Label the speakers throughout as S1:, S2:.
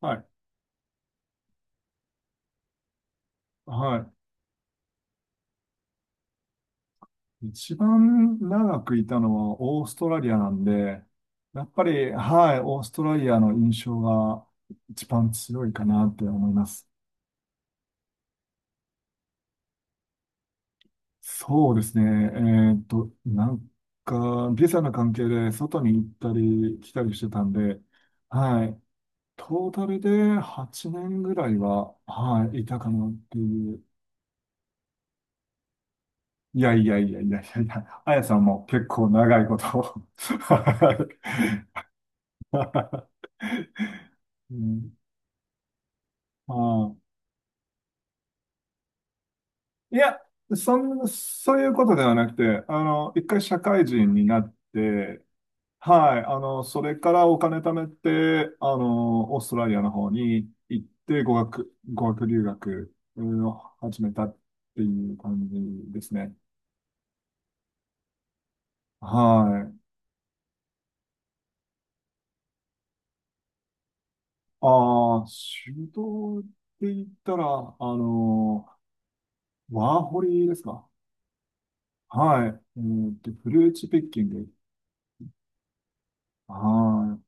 S1: はい。はい。一番長くいたのはオーストラリアなんで、やっぱり、はい、オーストラリアの印象が一番強いかなって思います。そうですね。なんか、ビザの関係で外に行ったり来たりしてたんで、はい。トータルで8年ぐらいは、はい、いたかなっていう。いやいやいやいやいやいや、あやさんも結構長いことを。はい。うん。ああ。いや、そういうことではなくて、一回社会人になって、はい、それからお金貯めて、オーストラリアの方に行って、語学留学を始めたっていう感じですね。はい。ああ、仕事って言ったら、の、ワーホリですか？はい。フルーツピッキング。は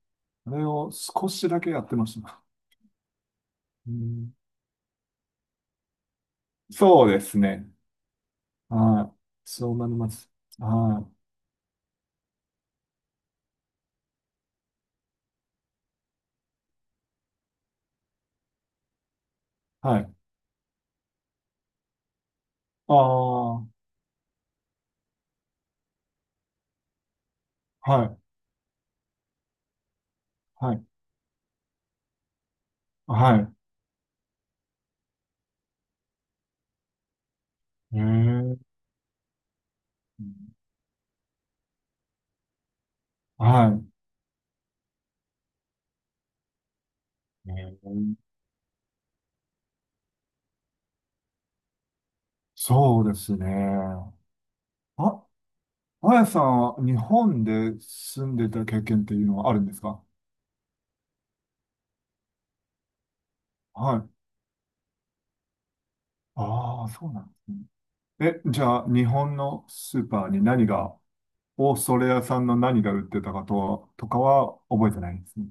S1: い。あれを少しだけやってました。うん、そうですね。はい。そうなります。はい。はい。ああ、はい。はい。はい。ええ、はい。ええ、そうですね。あ、あやさんは日本で住んでた経験っていうのはあるんですか？はい。ああ、そうなんですね。じゃあ、日本のスーパーに何が、オーストラリア産の何が売ってたかと、とかは覚えてないんですね。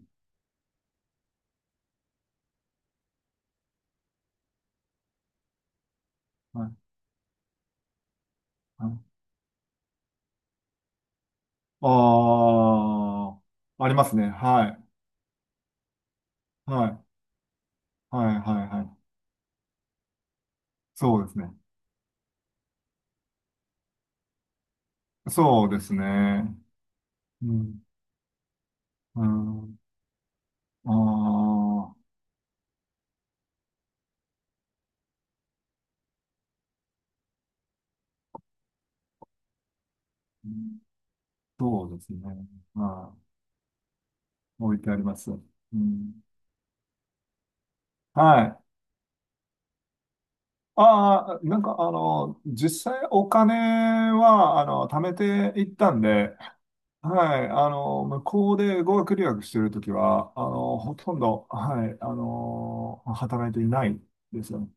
S1: ああー、ありますね。はい。はい。はい、はい、はい。そうですね。そうですね。うん。うん。ああ、そうですね。はい。置いてあります。うん。はい。ああ、なんか、実際お金は、貯めていったんで、はい、向こうで語学留学してるときは、ほとんど、はい、働いていないですよね。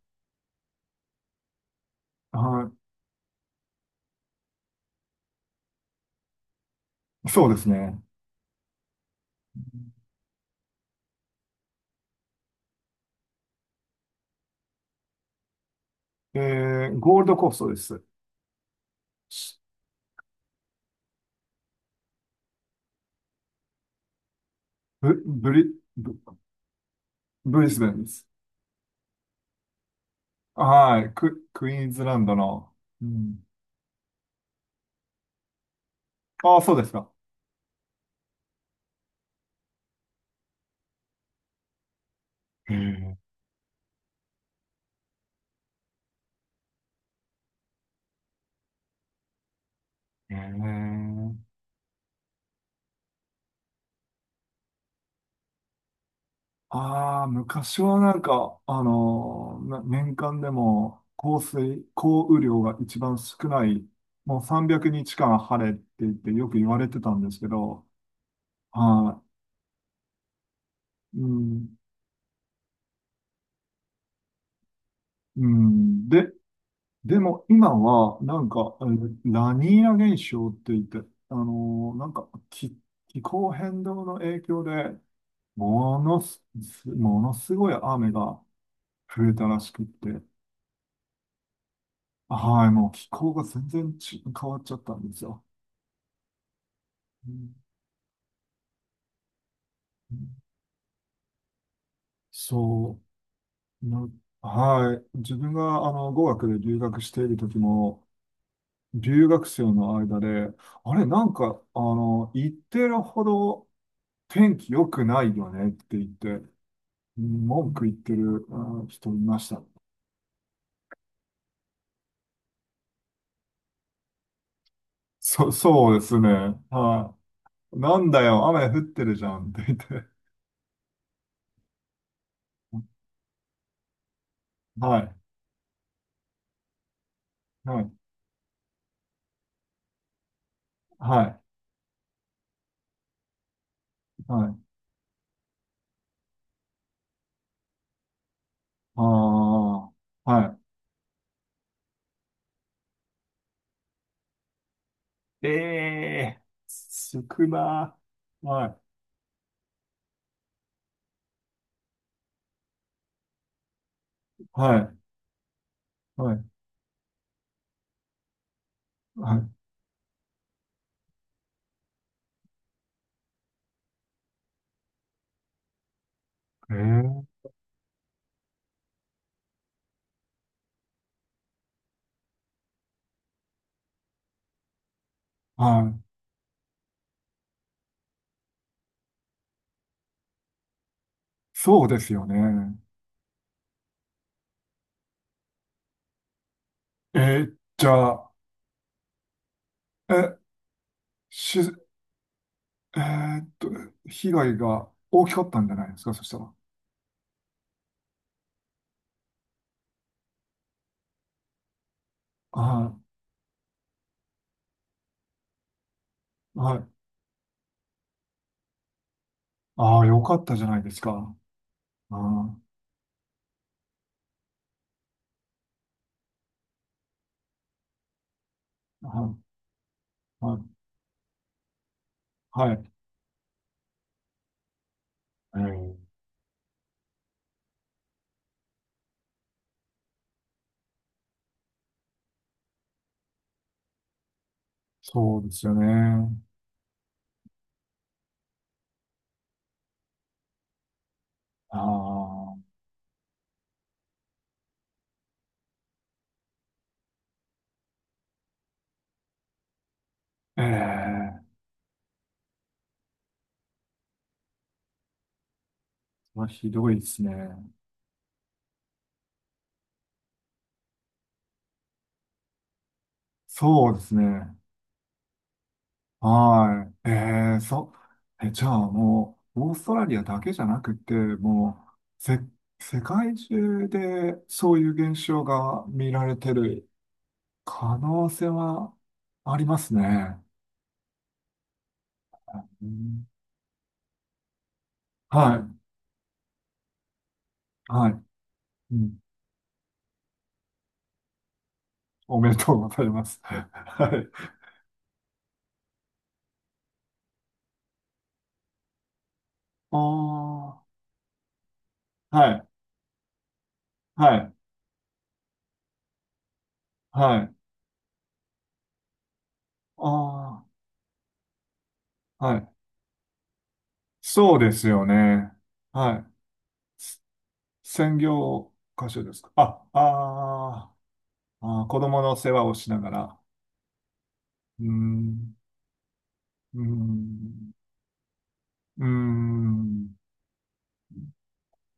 S1: はい。そうですね。ゴールドコーストです。ブ、ブリ、ブ、ブリスベンです。はい。クイーンズランドの。うん。ああ、そうですか。へえ。へえ。ああ、昔はなんか、あのーな年間でも降水、降雨量が一番少ない、もう300日間晴れって言ってよく言われてたんですけど、はい。うん。うん。でも今は、なんか、ラニーニャ現象って言って、なんか気候変動の影響で、ものすごい雨が増えたらしくって、はい、もう気候が全然変わっちゃったんですよ。うん。そう、はい。自分があの語学で留学している時も、留学生の間で、あれ、なんか、言ってるほど天気良くないよねって言って、文句言ってる人いました。そうですね。はい。なんだよ、雨降ってるじゃんって言って。はい。はい。はい。はい。ああ。はい。ええー、少な。はい。はい。はい。はい。えー、はい。そうですよね。えー、じゃあ、え、し、えーっと、被害が大きかったんじゃないですか、そしたら。はい。はい。ああ、よかったじゃないですか。ああ、はい、はい、はい。えーそうですよね。ああ、ええ、それはひどいですね。そうですね。はい。ええ、じゃあもう、オーストラリアだけじゃなくて、もう、世界中でそういう現象が見られてる可能性はありますね。うん。はい、はい。うん。おめでとうございます。はい。ああ、はい、はい、はい。ああ、はい。そうですよね。はい。専業歌手ですか。あ、子供の世話をしながら。うーん、うーん、うーん。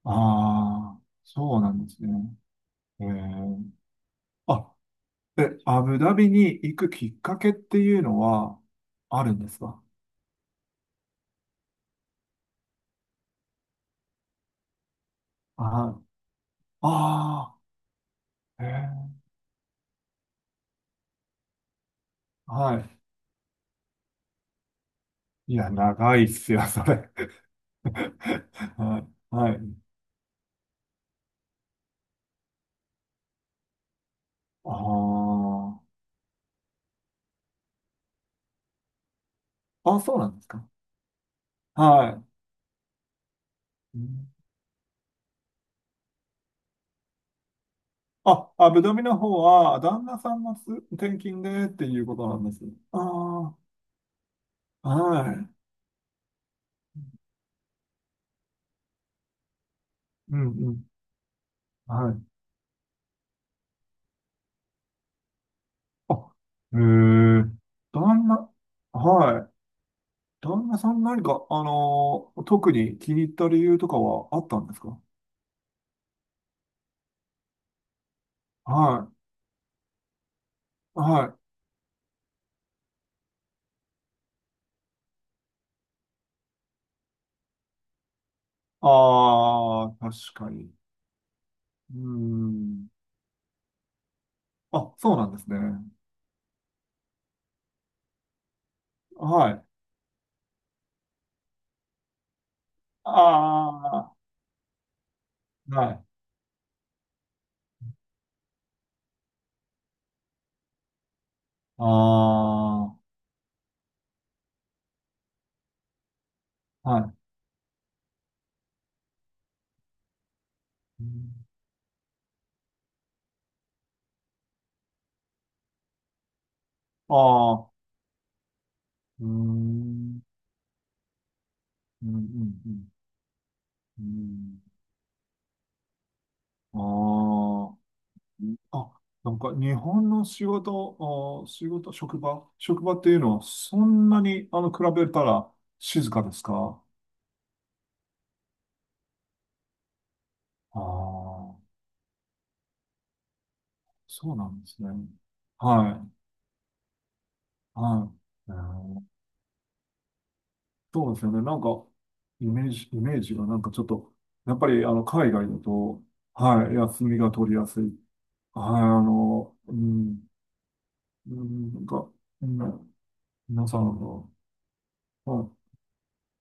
S1: ああ、そうなんですね。えー、あ、アブダビに行くきっかけっていうのはあるんですか？あ、ああー、はい。いや、長いっすよ、それ。はい。はい。ああ。あ、そうなんですか。はい。うん。あ、あ、ぶどみの方は、旦那さんの転勤でっていうことなんです。ああ、はい。うんうん。はい。あ、へえ。旦那、はい。旦那さん何か、特に気に入った理由とかはあったんですか？はい。はい。ああ、確かに。うーん。あ、そうなんですね。はい。ああ、はい。ああ、はい。うん。ああ、うーん、うん、うん、うん。うん。ああ、あ、なんか日本の仕事、仕事、職場っていうのはそんなに、比べたら静かですか？ああー、そうなんですね。はい、はい。うーん。そうですよね。なんか、イメージがなんかちょっと、やっぱり海外だと、はい、休みが取りやすい。はい、うん、うん、なんか、うん、皆さんの、はい、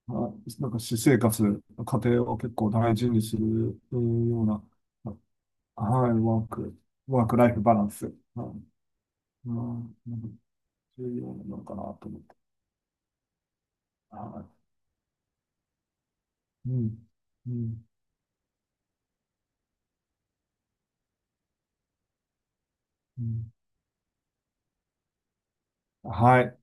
S1: はい、なんか私生活、家庭を結構大事にするような、はい、ワークライフバランス、はい、うん、なんか重要なのかなと思って。はい、うん、うん、うん。はい。